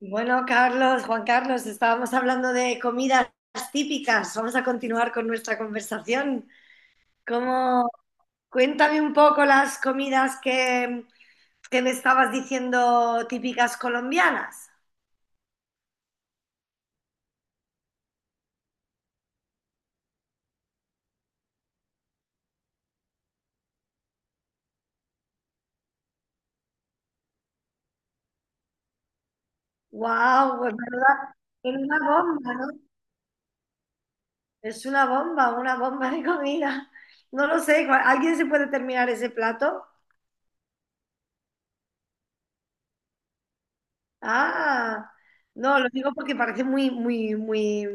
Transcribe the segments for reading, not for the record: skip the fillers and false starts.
Bueno, Carlos, Juan Carlos, estábamos hablando de comidas típicas. Vamos a continuar con nuestra conversación. ¿Cómo? Cuéntame un poco las comidas que me estabas diciendo típicas colombianas. ¡Wow! Pues menuda, menuda bomba, ¿no? Es una bomba de comida. No lo sé, ¿alguien se puede terminar ese plato? Ah, no, lo digo porque parece muy, muy, muy,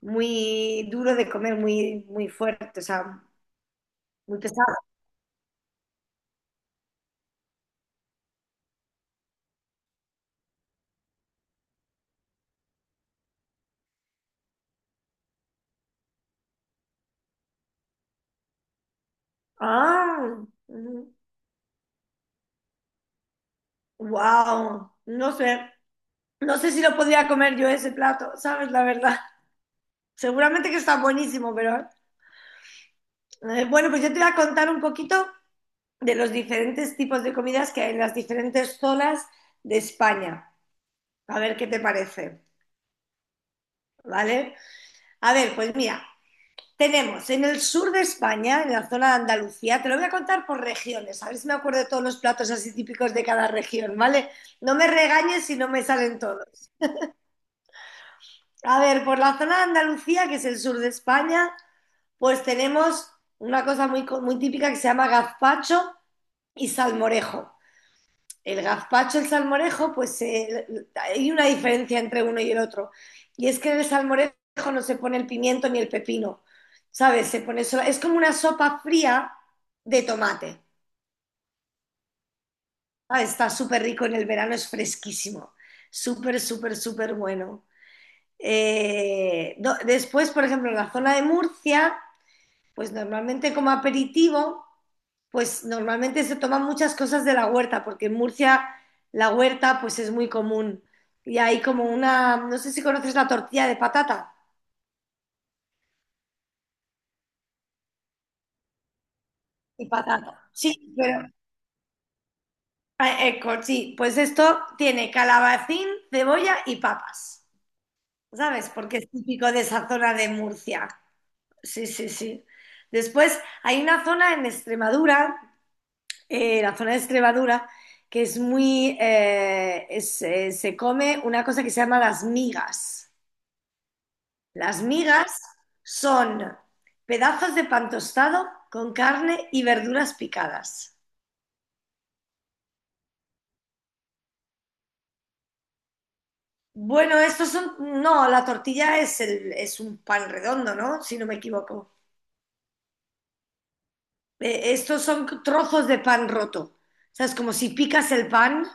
muy duro de comer, muy, muy fuerte, o sea, muy pesado. Ah, wow, no sé, no sé si lo podría comer yo ese plato, ¿sabes? La verdad, seguramente que está buenísimo, pero bueno, pues yo te voy a contar un poquito de los diferentes tipos de comidas que hay en las diferentes zonas de España. A ver qué te parece, ¿vale? A ver, pues mira, tenemos en el sur de España, en la zona de Andalucía, te lo voy a contar por regiones, a ver si me acuerdo de todos los platos así típicos de cada región, ¿vale? No me regañes si no me salen todos. A ver, por la zona de Andalucía, que es el sur de España, pues tenemos una cosa muy típica que se llama gazpacho y salmorejo. El gazpacho, el salmorejo, pues hay una diferencia entre uno y el otro. Y es que en el salmorejo no se pone el pimiento ni el pepino, ¿sabes? Es como una sopa fría de tomate. ¿Sabes? Está súper rico en el verano, es fresquísimo. Súper, súper, súper bueno. Después, por ejemplo, en la zona de Murcia, pues normalmente como aperitivo. Pues normalmente se toman muchas cosas de la huerta, porque en Murcia la huerta pues es muy común. Y hay como una, no sé si conoces la tortilla de patata. Y patata. Sí, pero sí, pues esto tiene calabacín, cebolla y papas, ¿sabes? Porque es típico de esa zona de Murcia. Sí, sí, sí. Después hay una zona en Extremadura, la zona de Extremadura, que es se come una cosa que se llama las migas. Las migas son pedazos de pan tostado con carne y verduras picadas. Bueno, estos son. No, la tortilla es, es un pan redondo, ¿no? Si no me equivoco. Estos son trozos de pan roto. O sea, es como si picas el pan,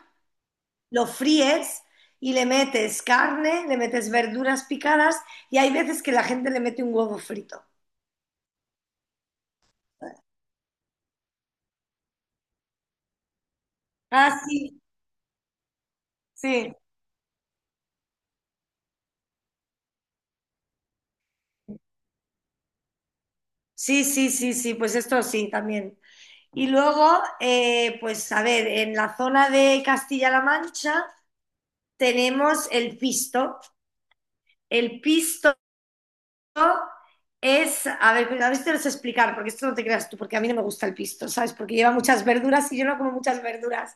lo fríes y le metes carne, le metes verduras picadas y hay veces que la gente le mete un huevo frito. Ah, sí, sí. Sí, sí, sí, sí, pues esto sí, también. Y luego, pues a ver, en la zona de Castilla-La Mancha tenemos el pisto. El pisto es, a ver si te lo sé explicar, porque esto no te creas tú, porque a mí no me gusta el pisto, ¿sabes? Porque lleva muchas verduras y yo no como muchas verduras.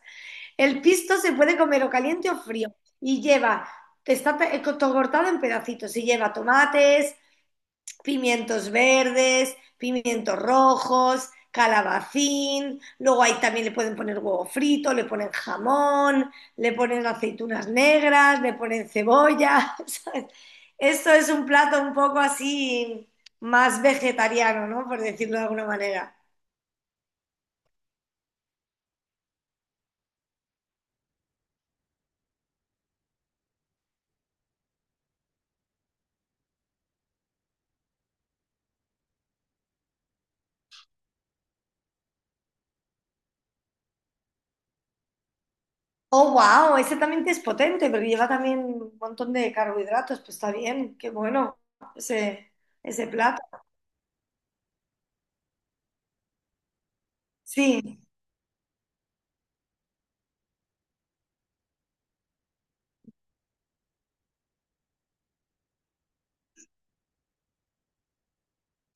El pisto se puede comer o caliente o frío y lleva, cortado en pedacitos y lleva tomates, pimientos verdes, pimientos rojos, calabacín, luego ahí también le pueden poner huevo frito, le ponen jamón, le ponen aceitunas negras, le ponen cebolla. ¿Sabes? Esto es un plato un poco así más vegetariano, ¿no? Por decirlo de alguna manera. Oh, wow, ese también es potente, porque lleva también un montón de carbohidratos, pues está bien, qué bueno ese, ese plato. Sí,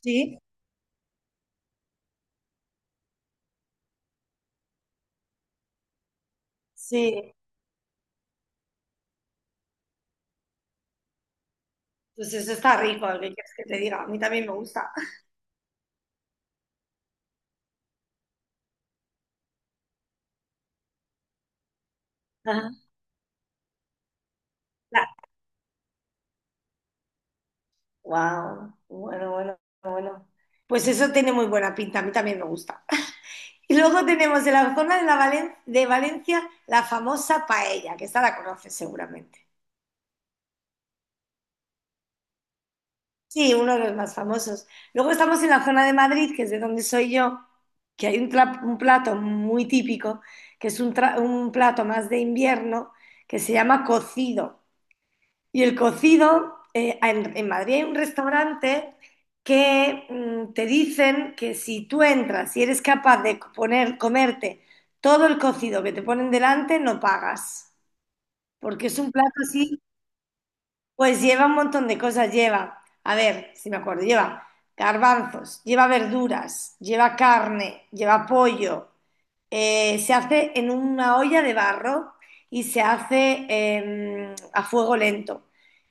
sí, sí. Pues eso está rico, ¿qué quieres que te diga? A mí también me gusta. Ajá. Wow, bueno, bueno, bueno. Pues eso tiene muy buena pinta, a mí también me gusta. Y luego tenemos de la zona de, de Valencia la famosa paella, que esta la conoces seguramente. Sí, uno de los más famosos. Luego estamos en la zona de Madrid, que es de donde soy yo, que hay un plato muy típico, que es un plato más de invierno, que se llama cocido. Y el cocido, en Madrid hay un restaurante que te dicen que si tú entras y eres capaz de comerte todo el cocido que te ponen delante, no pagas. Porque es un plato así, pues lleva un montón de cosas. Lleva, a ver, si me acuerdo, lleva garbanzos, lleva verduras, lleva carne, lleva pollo, se hace en una olla de barro y se hace a fuego lento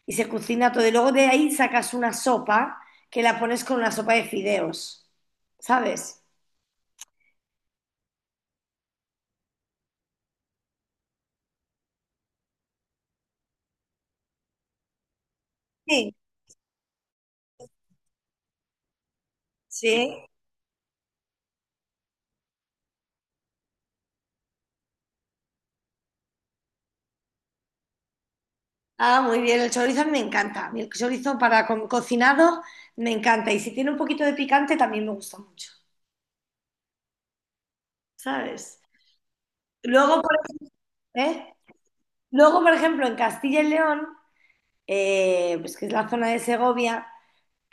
y se cocina todo. Y luego de ahí sacas una sopa que la pones con una sopa de fideos, ¿sabes? Sí, sí. Ah, muy bien, el chorizo a mí me encanta. A mí el chorizo para con cocinado me encanta. Y si tiene un poquito de picante también me gusta mucho, ¿sabes? Luego, por, ej- ¿eh? Luego, por ejemplo, en Castilla y León, pues que es la zona de Segovia,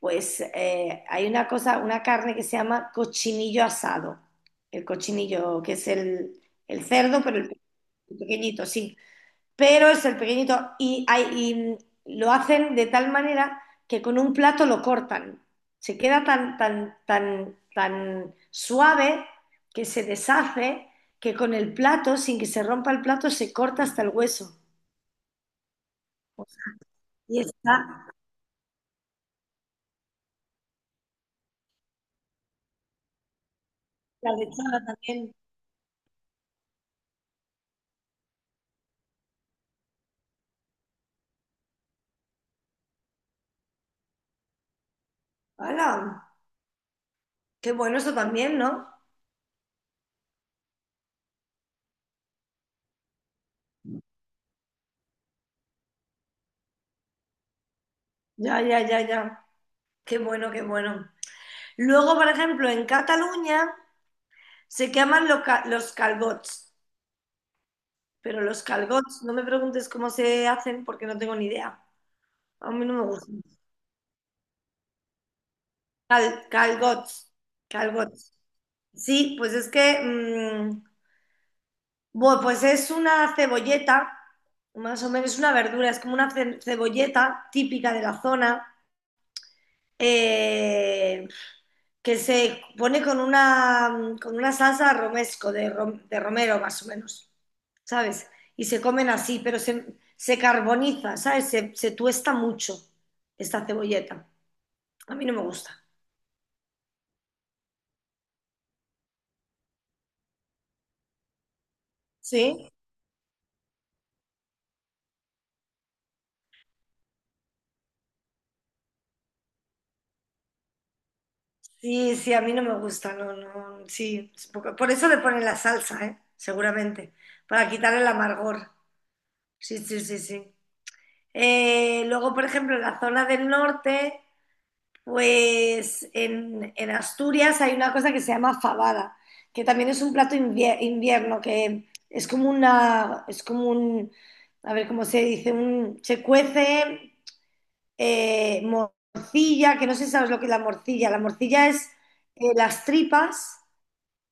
pues hay una cosa, una carne que se llama cochinillo asado. El cochinillo, que es el cerdo, el pequeñito, sí. Pero es el pequeñito y lo hacen de tal manera que con un plato lo cortan. Se queda tan, tan, tan, tan suave que se deshace que con el plato, sin que se rompa el plato, se corta hasta el hueso. Y está la lechada también. ¡Hala! Qué bueno eso también, ¿no? Ya, ya, ya, ya. Qué bueno, qué bueno. Luego, por ejemplo, en Cataluña se llaman lo ca- los calbots, pero los calbots. No me preguntes cómo se hacen porque no tengo ni idea. A mí no me gustan. Calgots, calgots. Sí, pues es que, mm, bueno, pues es una cebolleta, más o menos una verdura, es como una cebolleta típica de la zona. Eh, que se pone con con una salsa romesco, de romero más o menos, ¿sabes? Y se comen así, pero se carboniza, ¿sabes? Se tuesta mucho esta cebolleta. A mí no me gusta. ¿Sí? Sí, sí, a mí no me gusta, no, no, sí. Por eso le ponen la salsa, ¿eh? Seguramente, para quitar el amargor. Sí, sí, sí, sí. Luego, por ejemplo, en la zona del norte pues en Asturias hay una cosa que se llama fabada, que también es un plato invierno, que es como una, es como un, a ver cómo se dice, un, se cuece morcilla, que no sé si sabes lo que es la morcilla. La morcilla es las tripas,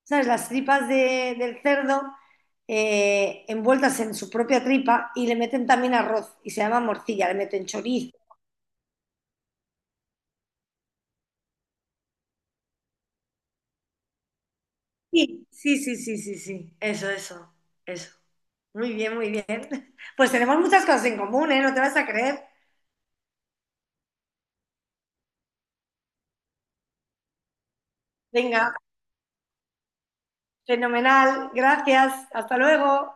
¿sabes? Las tripas del cerdo envueltas en su propia tripa y le meten también arroz y se llama morcilla, le meten chorizo. Sí, sí, sí, sí, sí, sí. Eso, eso, eso. Muy bien, muy bien. Pues tenemos muchas cosas en común, ¿eh? No te vas a creer. Venga, fenomenal. Gracias. Hasta luego.